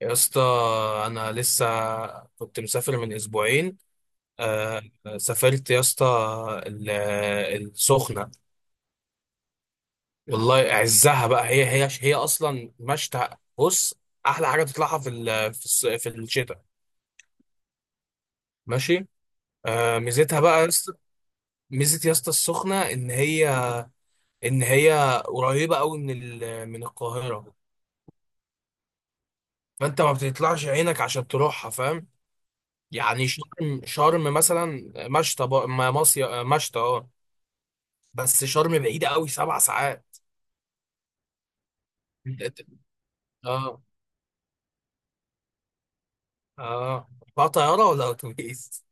يا اسطى، انا لسه كنت مسافر من اسبوعين. آه، سافرت يا اسطى ال- السخنه. والله اعزها بقى، هي اصلا مشتى. بص، احلى حاجه تطلعها في ال- في الص- في الشتاء. ماشي. آه، ميزتها بقى يا اسطى. ميزه يا اسطى السخنه ان هي، ان هي قريبه قوي من القاهره. فانت ما بتطلعش عينك عشان تروحها، فاهم؟ يعني شرم، شرم مثلا مشتى بقى- ما مصيف مشتى اه. بس شرم بعيدة قوي، سبع ساعات. أنت- اه. اه، بقى طيارة ولا أتوبيس؟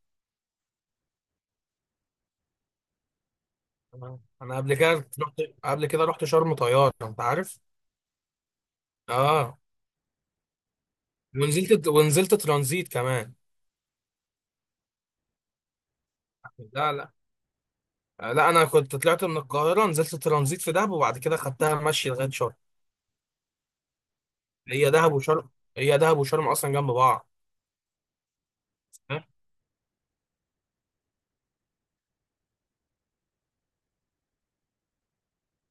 آه. أنا قبل كده رحت، قبل كده رحت شرم طيارة، أنت عارف؟ اه، ونزلت ونزلت ترانزيت كمان. لا لا لا، أنا كنت طلعت من القاهرة، نزلت ترانزيت في دهب وبعد كده خدتها مشي لغاية شرم. هي دهب وشرم، هي دهب وشرم أصلا جنب بعض.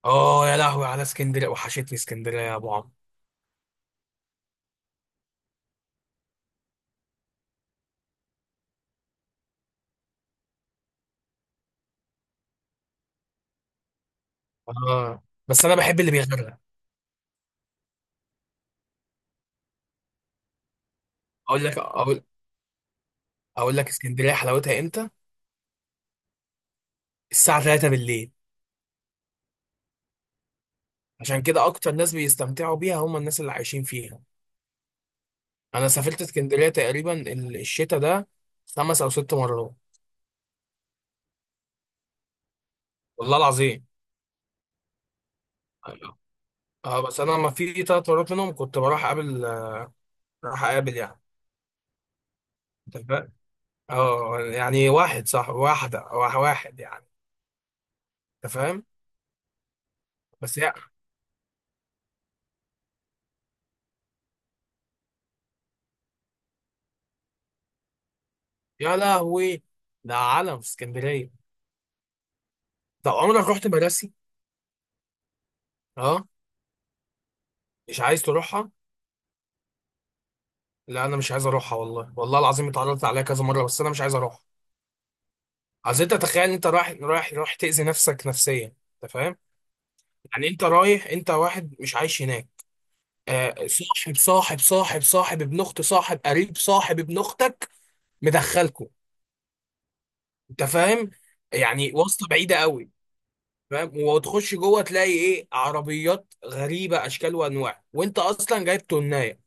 اه، يا لهوي على اسكندريه، وحشتني اسكندريه يا ابو عمرو. اه، بس انا بحب اللي بيغرق. اقول لك اقول، اقول لك اسكندريه حلاوتها امتى؟ الساعة 3 بالليل. عشان كده أكتر ناس بيستمتعوا بيها هم الناس اللي عايشين فيها. أنا سافرت اسكندرية تقريبا الشتا ده خمس أو ست مرات. والله العظيم. اه، بس أنا ما في تلات مرات منهم كنت بروح أقابل، راح أقابل يعني. أنت فاهم؟ اه، يعني واحد صح، واحدة أو واحد يعني. أنت فاهم. بس يا، يا لهوي، ده عالم في اسكندرية. طب عمرك رحت مراسي؟ اه. مش عايز تروحها؟ لا، أنا مش عايز أروحها والله، والله العظيم اتعرضت عليها كذا مرة بس أنا مش عايز أروح. اصل انت تخيل ان انت رايح تأذي نفسك نفسيا، انت فاهم؟ يعني انت رايح، انت واحد مش عايش هناك. آه، صاحب ابن اخت صاحب، قريب صاحب، ابن اختك مدخلكوا، انت فاهم؟ يعني واسطة بعيدة قوي. فاهم، وتخش جوه تلاقي ايه؟ عربيات غريبة اشكال وانواع، وانت اصلا جايب تناية.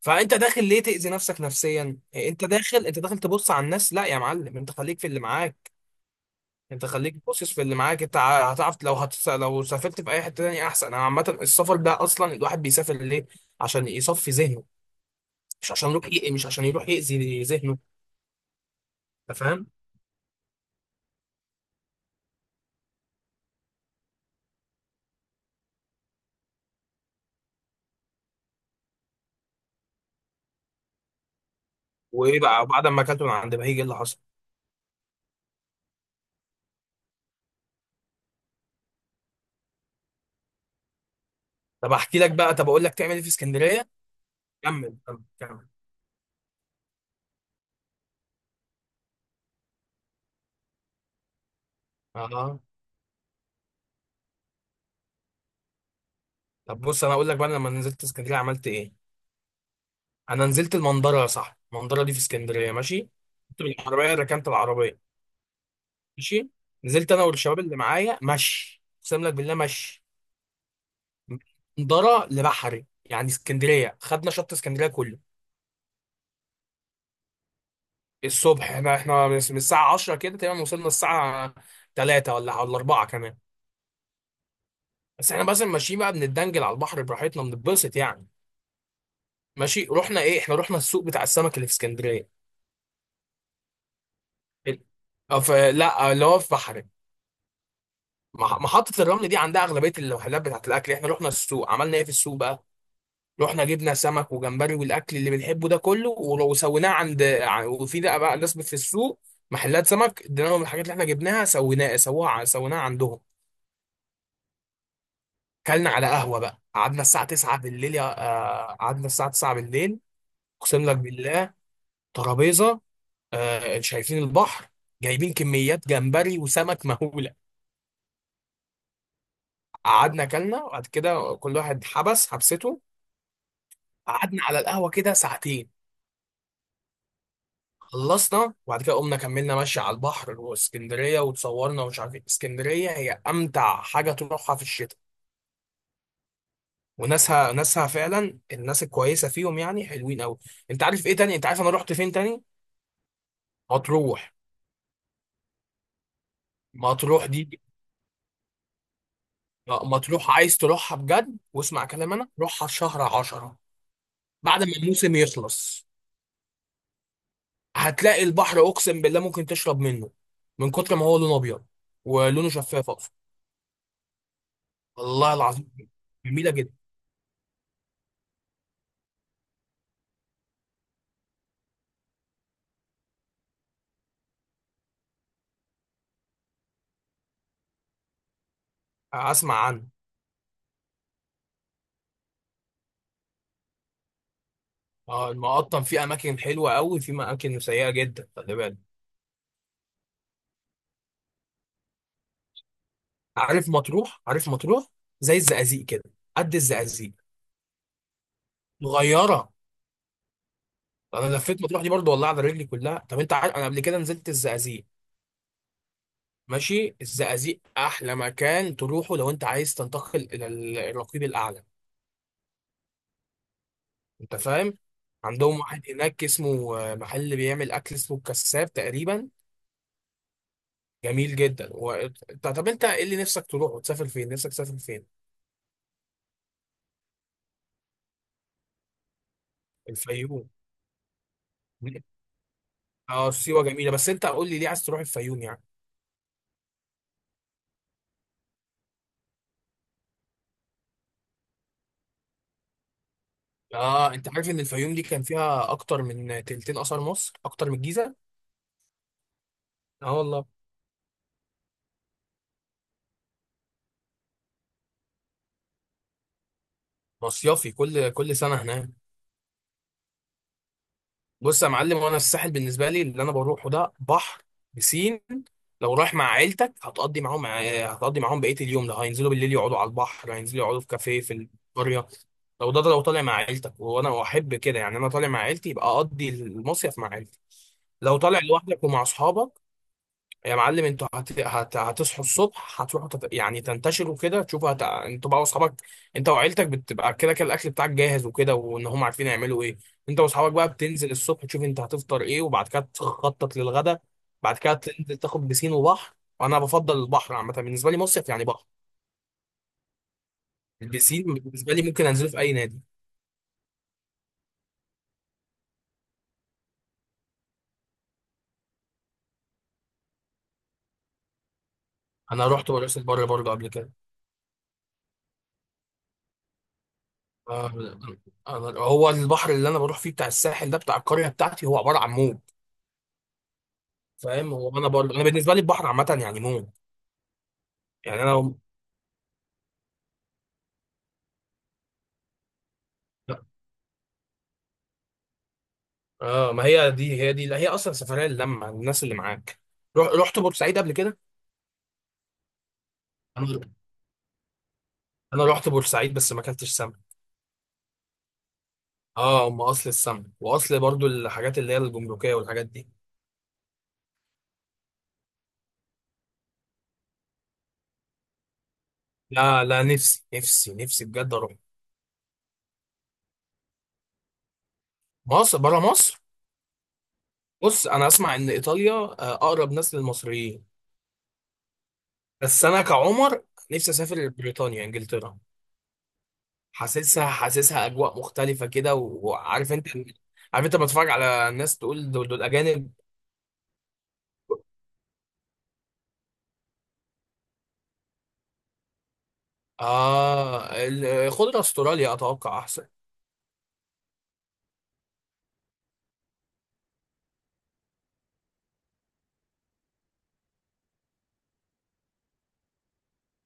فانت داخل ليه تأذي نفسك نفسيا إيه، انت داخل، انت داخل تبص على الناس. لا يا معلم، انت خليك في اللي معاك. انت خليك باصص في اللي معاك. هتعرف لو لو سافرت في اي حته تانية احسن. انا عامه السفر ده اصلا الواحد بيسافر ليه؟ عشان يصفي ذهنه، مش عشان يروح مش عشان يروح يأذي ذهنه. انت فاهم. وايه بقى بعد ما اكلت من عند بهيج، ايه اللي حصل؟ طب احكي لك بقى، طب اقول لك تعمل ايه في اسكندريه. كمل. اه، طب بص انا اقول لك بقى، أنا لما نزلت اسكندريه عملت ايه؟ انا نزلت المنظره يا صاحبي، المنظره دي في اسكندريه، ماشي. كنت بالعربيه، ركنت العربيه، ماشي. نزلت انا والشباب اللي معايا مشي، اقسم لك بالله مشي، درة لبحري يعني اسكندرية، خدنا شط اسكندرية كله. الصبح، احنا من الساعة 10 كده تقريبا، وصلنا الساعة 3 ولا 4 كمان. بس احنا بس ماشيين بقى، بنتدنجل على البحر براحتنا، بنتبسط يعني. ماشي، رحنا ايه؟ احنا رحنا السوق بتاع السمك اللي في اسكندرية. ال- اه، في، لا اه، اللي هو في بحري. محطة الرمل دي عندها أغلبية المحلات بتاعت الأكل. احنا رحنا السوق، عملنا ايه في السوق بقى؟ رحنا جبنا سمك وجمبري والاكل اللي بنحبه ده كله، ولو سويناه وفي ده بقى ناس في السوق، محلات سمك، اديناهم الحاجات اللي احنا جبناها سويناه سووها سويناها عندهم. كلنا على قهوه بقى، قعدنا الساعه 9 بالليل يا، آه، قعدنا الساعه 9 بالليل. اقسم لك بالله، ترابيزه، آه، شايفين البحر، جايبين كميات جمبري وسمك مهوله. قعدنا كلنا، وبعد كده كل واحد حبس حبسته. قعدنا على القهوه كده ساعتين. خلصنا وبعد كده قمنا، كملنا ماشي على البحر واسكندريه، وتصورنا ومش عارف ايه. اسكندريه هي امتع حاجه تروحها في الشتاء، وناسها، ناسها فعلا الناس الكويسه فيهم، يعني حلوين قوي. انت عارف ايه تاني؟ انت عارف انا رحت فين تاني؟ مطروح. مطروح دي، آه، مطروح عايز تروحها بجد واسمع كلام انا، روحها في شهر 10 بعد ما الموسم يخلص. هتلاقي البحر اقسم بالله ممكن تشرب منه من كتر ما هو لونه ابيض، ولونه شفاف اقصد. والله العظيم، جميله جدا. اسمع عنها. اه، المقطم فيه اماكن حلوه قوي، في اماكن سيئه جدا، خلي بالك. عارف مطروح؟ عارف مطروح زي الزقازيق كده، قد الزقازيق، صغيره. انا لفيت مطروح دي برضو والله على رجلي كلها. طب انت عارف انا قبل كده نزلت الزقازيق، ماشي؟ الزقازيق احلى مكان تروحه لو انت عايز تنتقل الى الرقيب الاعلى. انت فاهم. عندهم واحد هناك اسمه آه، محل بيعمل اكل اسمه الكساب تقريبا. جميل جدا و... طب انت ايه اللي نفسك تروح وتسافر فين؟ نفسك تسافر فين؟ الفيوم. اه، سيوه جميله، بس انت قول لي ليه عايز تروح الفيوم يعني؟ اه، انت عارف ان الفيوم دي كان فيها اكتر من تلتين اثار مصر، اكتر من الجيزه؟ اه، والله. مصيافي كل كل سنه هناك. بص يا معلم، وانا الساحل بالنسبه لي اللي انا بروحه ده بحر، بسين. لو رايح مع عيلتك هتقضي معاهم، هتقضي معاهم بقيه اليوم ده، هينزلوا بالليل يقعدوا على البحر، هينزلوا يقعدوا في كافيه في القريه. لو ده، ده لو طالع مع عيلتك، وانا احب كده، يعني انا طالع مع عيلتي يبقى اقضي المصيف مع عيلتي. لو طالع لوحدك ومع اصحابك، يا معلم انتوا هتصحوا الصبح، هتروحوا يعني تنتشروا كده تشوفوا انتوا بقى واصحابك. انت وعيلتك بتبقى كده كده الاكل بتاعك جاهز وكده، وان هم عارفين يعملوا ايه. انت واصحابك بقى بتنزل الصبح تشوف انت هتفطر ايه، وبعد كده تخطط للغدا. بعد كده تنزل تاخد بسين وبحر. وانا بفضل البحر عامه، بالنسبه لي مصيف يعني بحر. البسين بالنسبه لي ممكن انزله في اي نادي. انا رحت مراسي البر برضه قبل كده. آه، هو البحر اللي انا بروح فيه بتاع الساحل ده بتاع القريه بتاعتي هو عباره عن موج. فاهم، هو انا برضه انا بالنسبه لي البحر عامه يعني موت. يعني اه، ما هي دي، هي دي هي اصلا سفريه للمه الناس اللي معاك. روح، رحت بورسعيد قبل كده؟ انا انا رحت بورسعيد بس ما اكلتش سمك. اه، هم اصل السمك، واصل برضو الحاجات اللي هي الجمركيه والحاجات دي. لا، نفسي بجد اروح مصر، بره مصر. بص انا اسمع ان ايطاليا آه، اقرب ناس للمصريين. بس انا كعمر نفسي اسافر بريطانيا، انجلترا. حاسسها، حاسسها اجواء مختلفه كده وعارف انت، عارف انت بتفرج على الناس تقول دول اجانب. اه، خضره استراليا اتوقع احسن.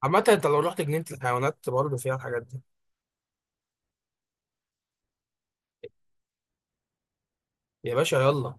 عامه انت لو رحت جنينه الحيوانات برضه فيها الحاجات دي. يا باشا يلا.